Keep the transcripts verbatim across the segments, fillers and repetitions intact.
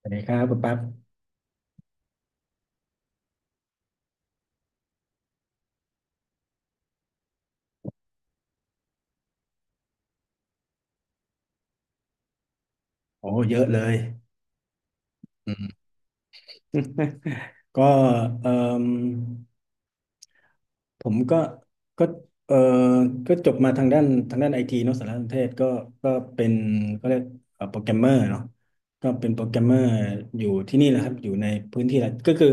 สวัสดีครับคุณปั๊บโอ้เยอะเลย ก็เอ่มผมก็ก็เอ่อก็จบมาทางด้านทางด้านไอทีเนาะสารสนเทศก็ก็เป็นก็เรียกโปรแกรมเมอร์เนาะก็เป็นโปรแกรมเมอร์อยู่ที่นี่แหละครับอยู่ในพื้นที่แหละก็คือ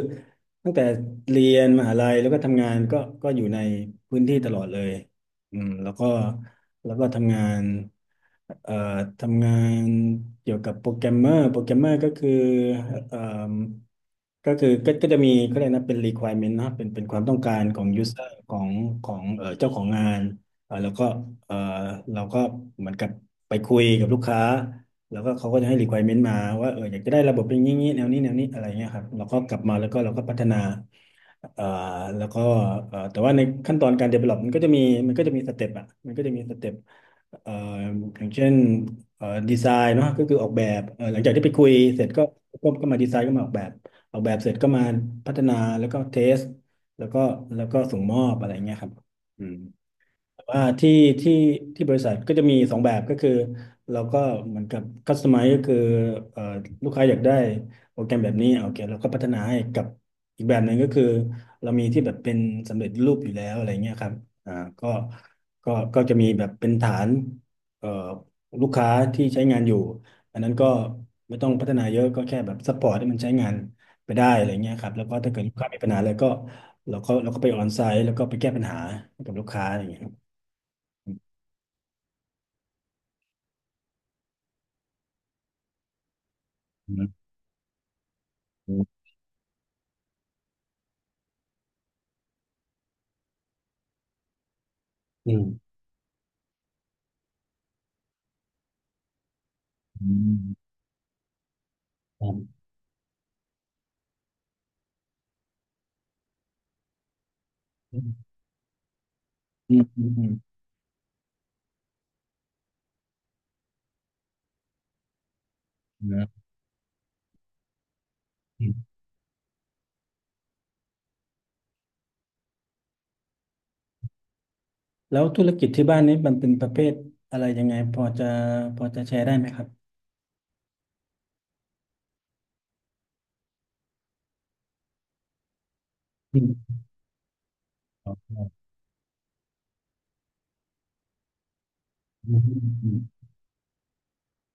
ตั้งแต่เรียนมหาลัยแล้วก็ทำงานก็ก็อยู่ในพื้นที่ตลอดเลยอืมแล้วก็แล้วก็ทำงานเอ่อทำงานเกี่ยวกับโปรแกรมเมอร์โปรแกรมเมอร์ก็คือเอ่อ ก็คือก็ก็จะมีเขาเรียกนะเป็น requirement นะครับเป็นเป็นความต้องการของ user ของของเอ่อเจ้าของงานเอ่อแล้วก็เอ่อเราก็เหมือนกับไปคุยกับลูกค้าแล้วก็เขาก็จะให้ requirement มาว่าเอออยากจะได้ระบบเป็นอย่างนี้แนวนี้แนวนี้อะไรเงี้ยครับเราก็กลับมาแล้วก็เราก็พัฒนา เอ่อแล้วก็เอ่อแต่ว่าในขั้นตอนการ develop มันก็จะมีมันก็จะมีสเต็ปอ่ะมันก็จะมีสเต็ปเอ่ออย่างเช่นเอ่อดีไซน์เนาะก็คือออกแบบเอ่อหลังจากที่ไปคุยเสร็จก็ก็ก็มาดีไซน์ก็มาออกแบบออกแบบเสร็จก็มาพัฒนาแล้วก็เทสแล้วก็แล้วก็ส่งมอบอะไรเงี้ยครับอืม แต่ว่าที่ที่ที่บริษัทก็จะมีสองแบบก็คือเราก็เหมือนกับ c u s t o m i z ก็คือเอ่อลูกค้าอยากได้โปรแกรมแบบนี้โอเคเราก็พัฒนาให้กับอีกแบบหนึ่งก็คือเรามีที่แบบเป็นสำเร็จรูปอยู่แล้วอะไรเงี้ยครับอ่าก็ก็ก็จะมีแบบเป็นฐานเอ่อลูกค้าที่ใช้งานอยู่อันนั้นก็ไม่ต้องพัฒนาเยอะก็แค่แบบซัพพอร์ตให้มันใช้งานไปได้อะไรเงี้ยครับแล้วก็ถ้าเกิดลูกค้ามีปัญหาอะไรก็เราก็เราก็ไปออนไซต์แล้วก็ไปแก้ปัญหาให้กับลูกค้าอย่างเงี้ย อืมอืมอืมครับอืมอืมอืมครับอืมแล้วธุรกิจที่บ้านนี้มันเป็นประเภทอะไรยังไงพอจะพอจะแชร์ได้ไหมครับอืมออืมอืม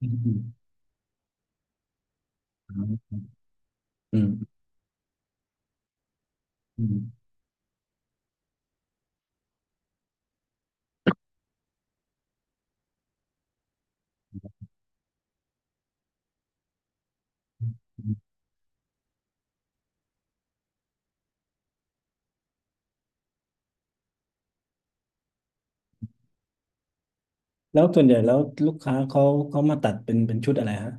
อืมอืมครับอืมอืมอืมแล้วส่วนใหญ่แล้วลูกค้าเขาเขามาตัดเป็นเป็นชุดอะไรฮะ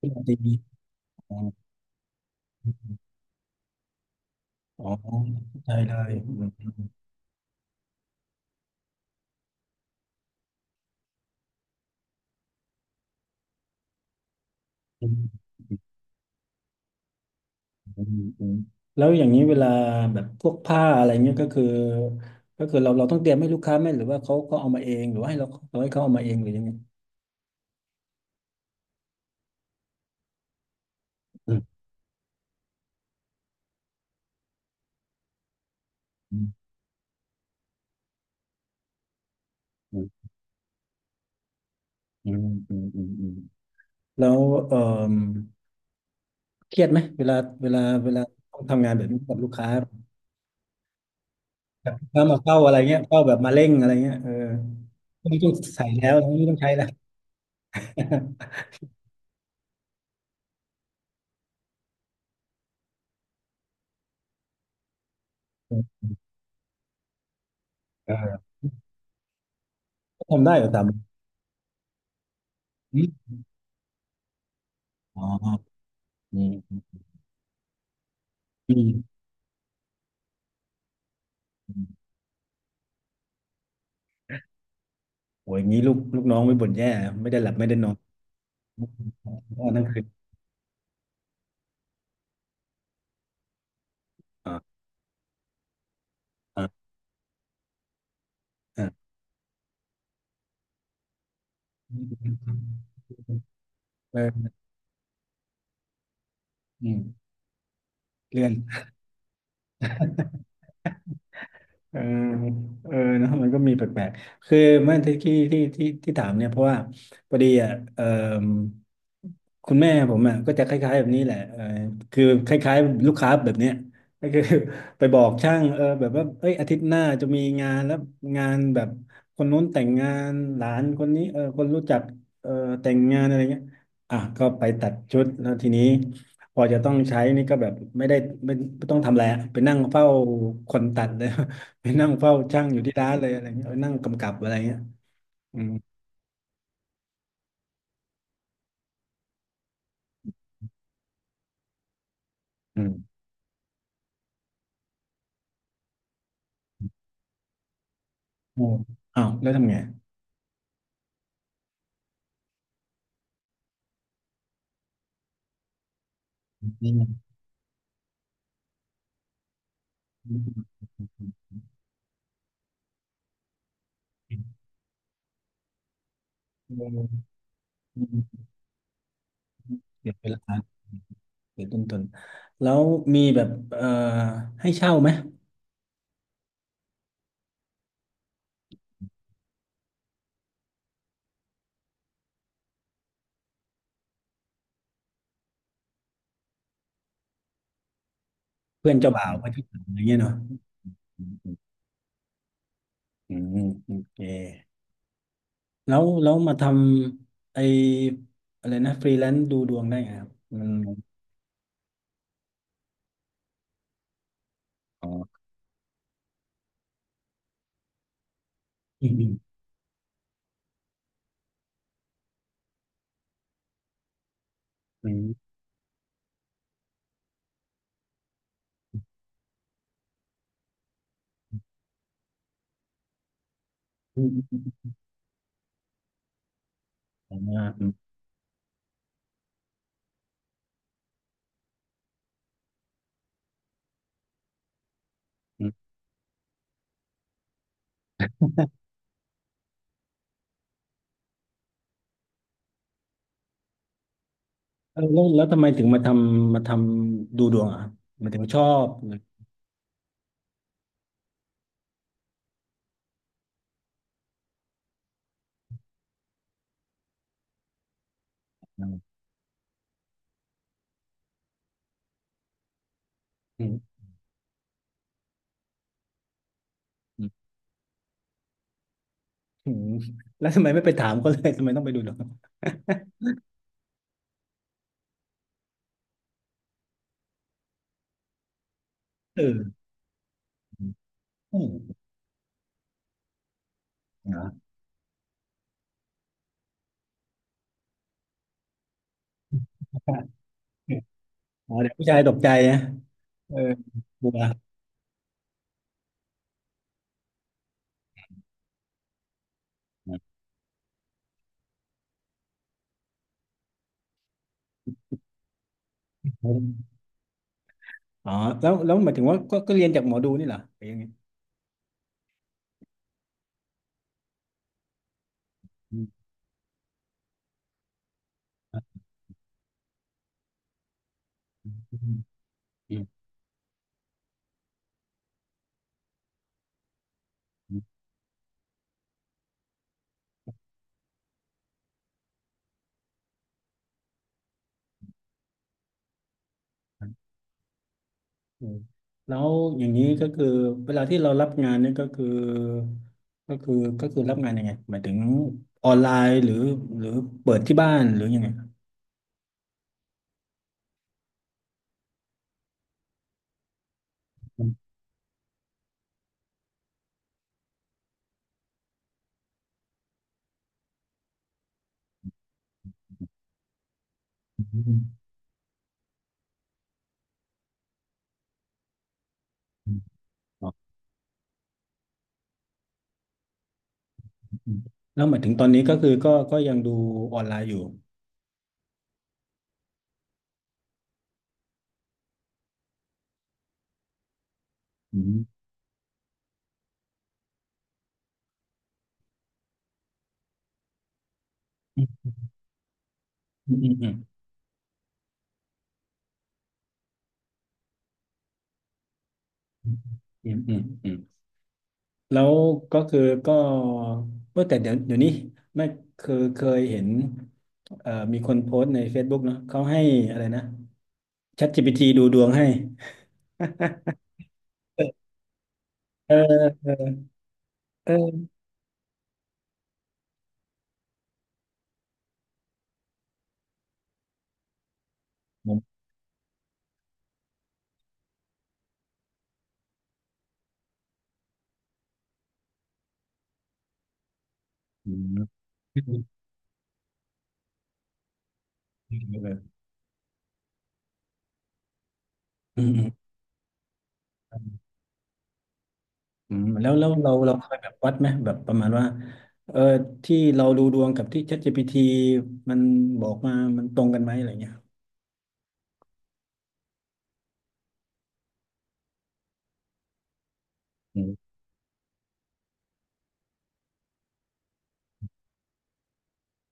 ชุดอะไรดีอ๋ออ๋อเข้าใจเลยอืมอืม อืมอืมแล้วอย่างนี้เวลาแบบพวกผ้าอะไรเงี้ยก็คือก็คือเราเราต้องเตรียมให้ลูกค้าไหมหรือว่าเขาเขาเอามาเองหรือว่าให้เราเราให้เขาเอามาเองหรือยังไงอืมอืมอืมอืมอืมอืมอืมแล้วเออเครียดไหมเวลาเวลาเวลาต้องทำงานแบบนี้กับลูกค้าลูกค้ามาเฝ้าอะไรเงี้ยเฝ้าแบบมาเร่งอะไรเงี้ยเออไม่ต้องใส่แล้วไม่ต้องใช้แล้ว เออทำได้เหรอตามอมอ๋ออืมอืมอืมโอ้ยอย่างนี้ลูกลูกน้องไม่บ่นแย่ไม่ได้หลับไม่ได้นอน อ๋อนั่นคืออ่าอ่าอ่าเอออืมเลื่อนเออเออเนอะมันก็มีแปลกๆ คือเมื่อที่ที่ที่ที่ที่ถามเนี่ยเพราะว่าพอดีอ่ะเออ คุณแม่ผมอ่ะก็จะคล้ายๆแบบนี้แหละเออคือคล้ายๆลูกค้าแบบเนี้ยก็คือ ไปบอกช่างเออแบบว่าเอ้ยอาทิตย์หน้าจะมีงานแล้วงานแบบคนนู้นแต่งงานหลานคนนี้เออคนรู้จักเออแต่งงานอะไรเงี้ยอ่ะก็ไปตัดชุดแล้วทีนี้พอจะต้องใช้นี่ก็แบบไม่ได้ไม่ไม่ต้องทำอะไรอะไปนั่งเฝ้าคนตัดเลย ไปนั่งเฝ้าช่างอยู่ที่ร้านเลยอะไรเงี้ยเออนั่งกำกับอะไรเงี้ยอืมอืมโอ้อ้าวแล้วทำไง อืมอืมเสียเวลาเสียต้นทุนแล้วมีแบบเอ่อให้เช่าไหมเพื่อนเจ้าบ่าวเพื่อนเจ้าสาวอะไรเงี้ยเนาะอืมอืมอืมโอเคแล้วแล้วมาทำไออะไรนะฟรีแลนซ์ดูดวงได้ไงครับมันอ๋ออืมอืมอืมอืมอืมอืมอืมเออแล้วแล้วทำไมถึงมาทำมาทำดูดวงอ่ะครับหมายถึงชอบหรืออืมอืมอืมแล้วทำไมไม่ไปถามเขาเลยทำไมต้องไปดูดวงเออ อ๋อ อ๋อเดี๋ยวผู้ชายตกใจนะเออกลัวอ๋อแล้วแล้วหมายถึงว่าก็ก็เรียนจากหมอดูนี่เหรอหรือยังไงอืมอืมอืมอืมอืมแล้วอย่างนี้ก็คือเวลาที่เรารับงานเนี่ยก็คือก็คือก็คือรับงานยังไงหมายถึงออนไลน์หรือหรือเปิดที่บ้านหรือยังไงอืมอืมอ๋ออืมแล้วหมายถึงตอนนี้ก็คือก็ก็ยังดูออนไลน์อยู่อืมอืมอืมอืมอืมอืมอืม แล้วก็คือก็เมื่อแต่เดี๋ยวเดี๋ยวนี้ไม่คือเคยเห็นเอ่อมีคนโพสต์ใน เฟซบุ๊ก เนาะเขาให้อะไรนะ ChatGPT ดูดวงให้ เออเออเออผมอืมอืมอืมแล้วแล้วเราเราเคยแบบวัดไหมแบบประมาณว่าเออที่เราดูดวงกับที่ ChatGPT มันบอกมามันตรงกันไหมอะไรเงี้ยอืม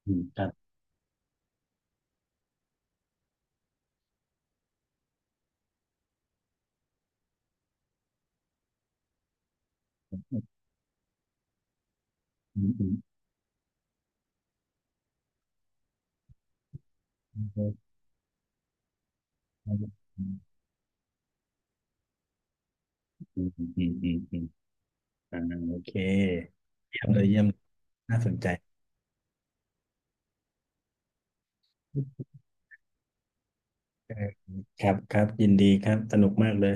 อืมครับอืมอืมอืมอืมอืมอืมอืม อ่าโอเคเยี่ยมเลยเยี่ยมน่าสนใจเออครับครับยินดีครับสนุกมากเลย